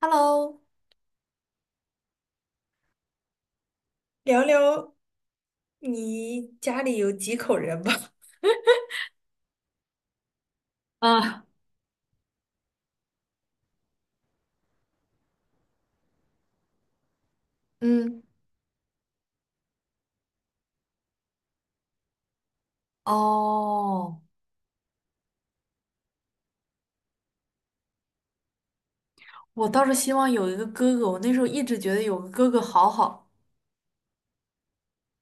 Hello,聊聊你家里有几口人吧？啊，嗯，哦，我倒是希望有一个哥哥，我那时候一直觉得有个哥哥好好。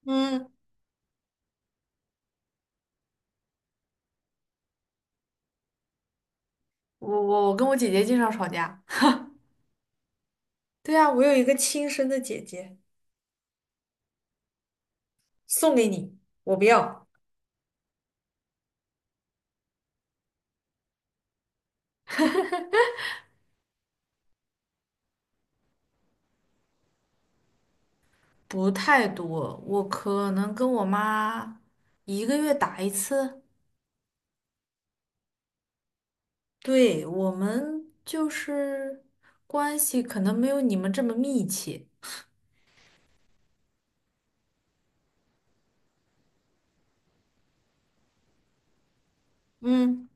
嗯，我跟我姐姐经常吵架，对啊，我有一个亲生的姐姐，送给你，我不要。不太多，我可能跟我妈一个月打一次。对，我们就是关系可能没有你们这么密切。嗯。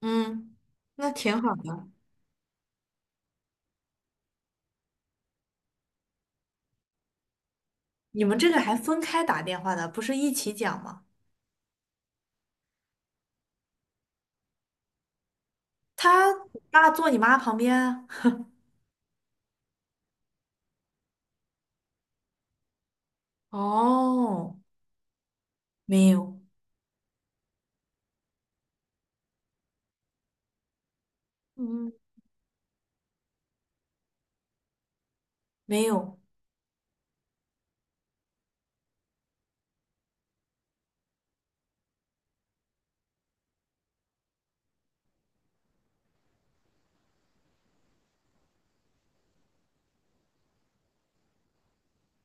嗯，那挺好的。你们这个还分开打电话的，不是一起讲吗？你爸坐你妈旁边啊。哦，没有，嗯，没有。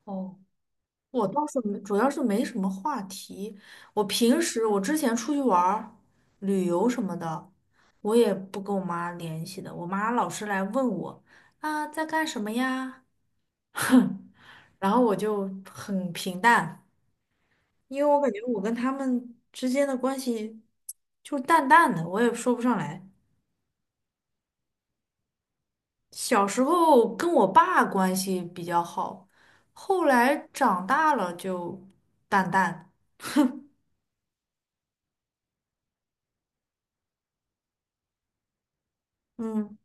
哦，我倒是没，主要是没什么话题。我平时我之前出去玩儿旅游什么的，我也不跟我妈联系的。我妈老是来问我啊，在干什么呀？然后我就很平淡。因为我感觉我跟他们之间的关系就是淡淡的，我也说不上来。小时候跟我爸关系比较好，后来长大了就淡淡。嗯，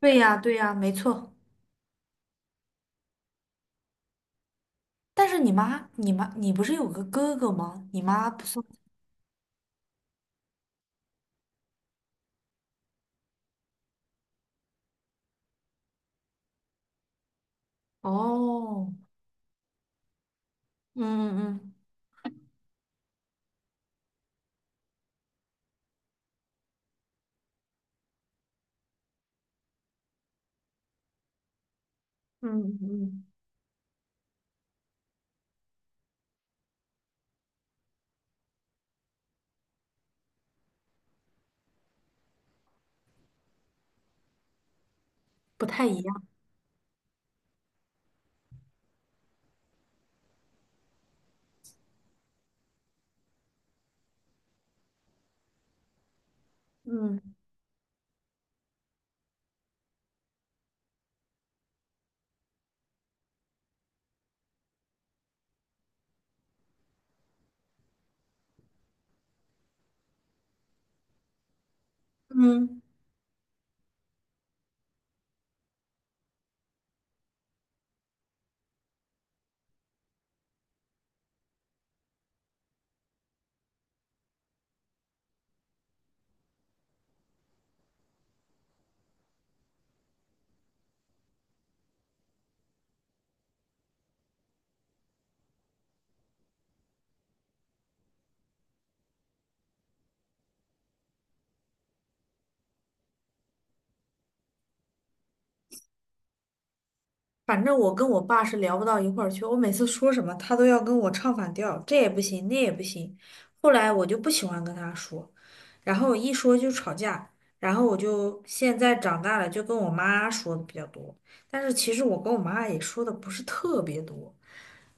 对呀，对呀，没错。但是你妈，你不是有个哥哥吗？你妈不算。哦，嗯嗯嗯嗯嗯，不太一样。嗯嗯。反正我跟我爸是聊不到一块儿去，我每次说什么他都要跟我唱反调，这也不行，那也不行。后来我就不喜欢跟他说，然后一说就吵架，然后我就现在长大了，就跟我妈说的比较多。但是其实我跟我妈也说的不是特别多，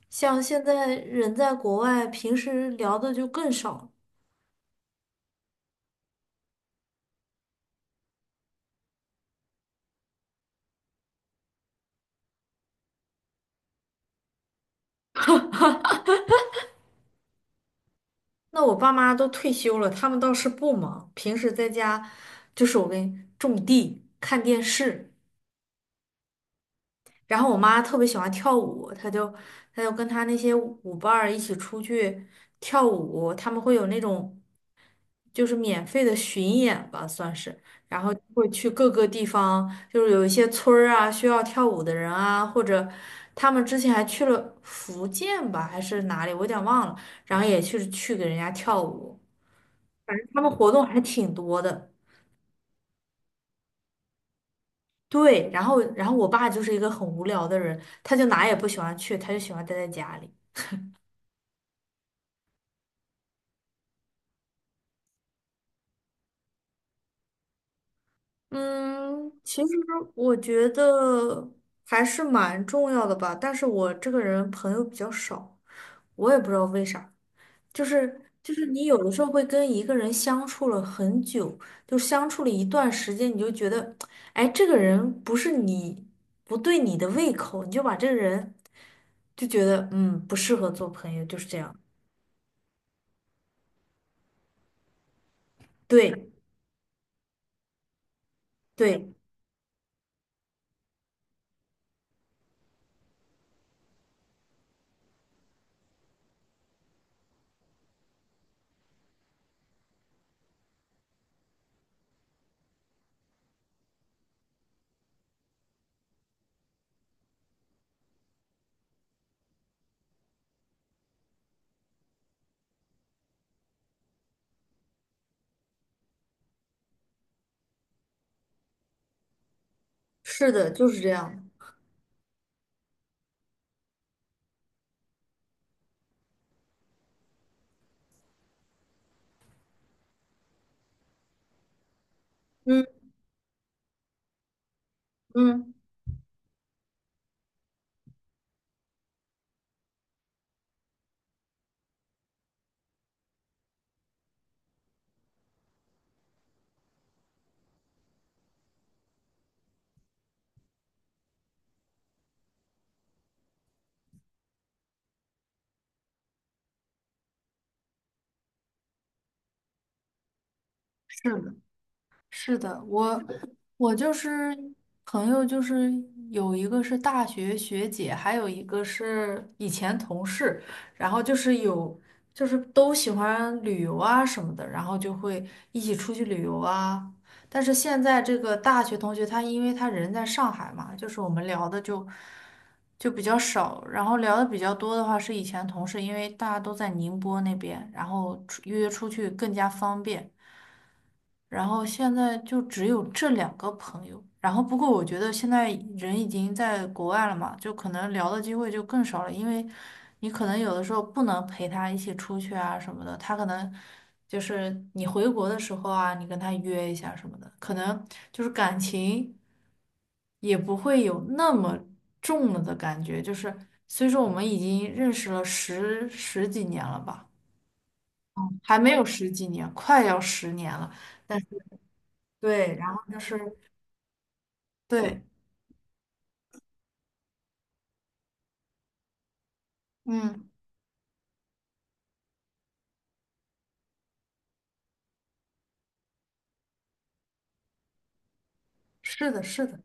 像现在人在国外，平时聊的就更少了。那我爸妈都退休了，他们倒是不忙，平时在家就是我跟种地、看电视。然后我妈特别喜欢跳舞，她就跟她那些舞伴儿一起出去跳舞，他们会有那种就是免费的巡演吧，算是，然后会去各个地方，就是有一些村儿啊需要跳舞的人啊，或者他们之前还去了福建吧，还是哪里，我有点忘了，然后也去给人家跳舞，反正他们活动还挺多的。对，然后我爸就是一个很无聊的人，他就哪也不喜欢去，他就喜欢待在家里。嗯，其实我觉得还是蛮重要的吧，但是我这个人朋友比较少，我也不知道为啥，就是你有的时候会跟一个人相处了很久，就相处了一段时间，你就觉得，哎，这个人不是你不对你的胃口，你就把这个人就觉得嗯不适合做朋友，就是这样。对对，是的，就是这样。嗯嗯，是的。是的，我就是朋友，就是有一个是大学学姐，还有一个是以前同事，然后就是有就是都喜欢旅游啊什么的，然后就会一起出去旅游啊。但是现在这个大学同学，他因为他人在上海嘛，就是我们聊的就比较少，然后聊的比较多的话是以前同事，因为大家都在宁波那边，然后出约出去更加方便。然后现在就只有这两个朋友。然后不过我觉得现在人已经在国外了嘛，就可能聊的机会就更少了，因为你可能有的时候不能陪他一起出去啊什么的，他可能就是你回国的时候啊，你跟他约一下什么的，可能就是感情也不会有那么重了的感觉。就是虽说我们已经认识了十几年了吧，还没有十几年，快要10年了。对，然后就是对，嗯，是的，是的，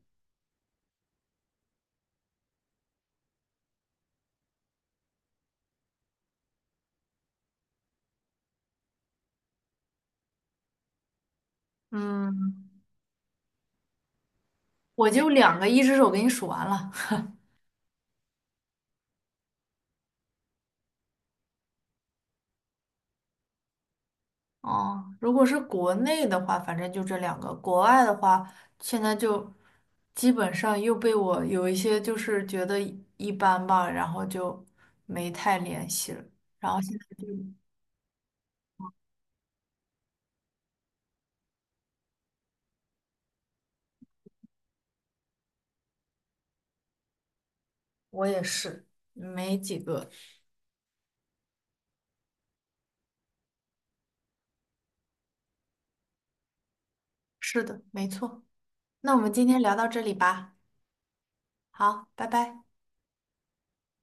嗯，我就两个一只手给你数完了。哦，如果是国内的话，反正就这两个；国外的话，现在就基本上又被我有一些就是觉得一般吧，然后就没太联系了。然后现在就我也是没几个。是的，没错。那我们今天聊到这里吧。好，拜拜。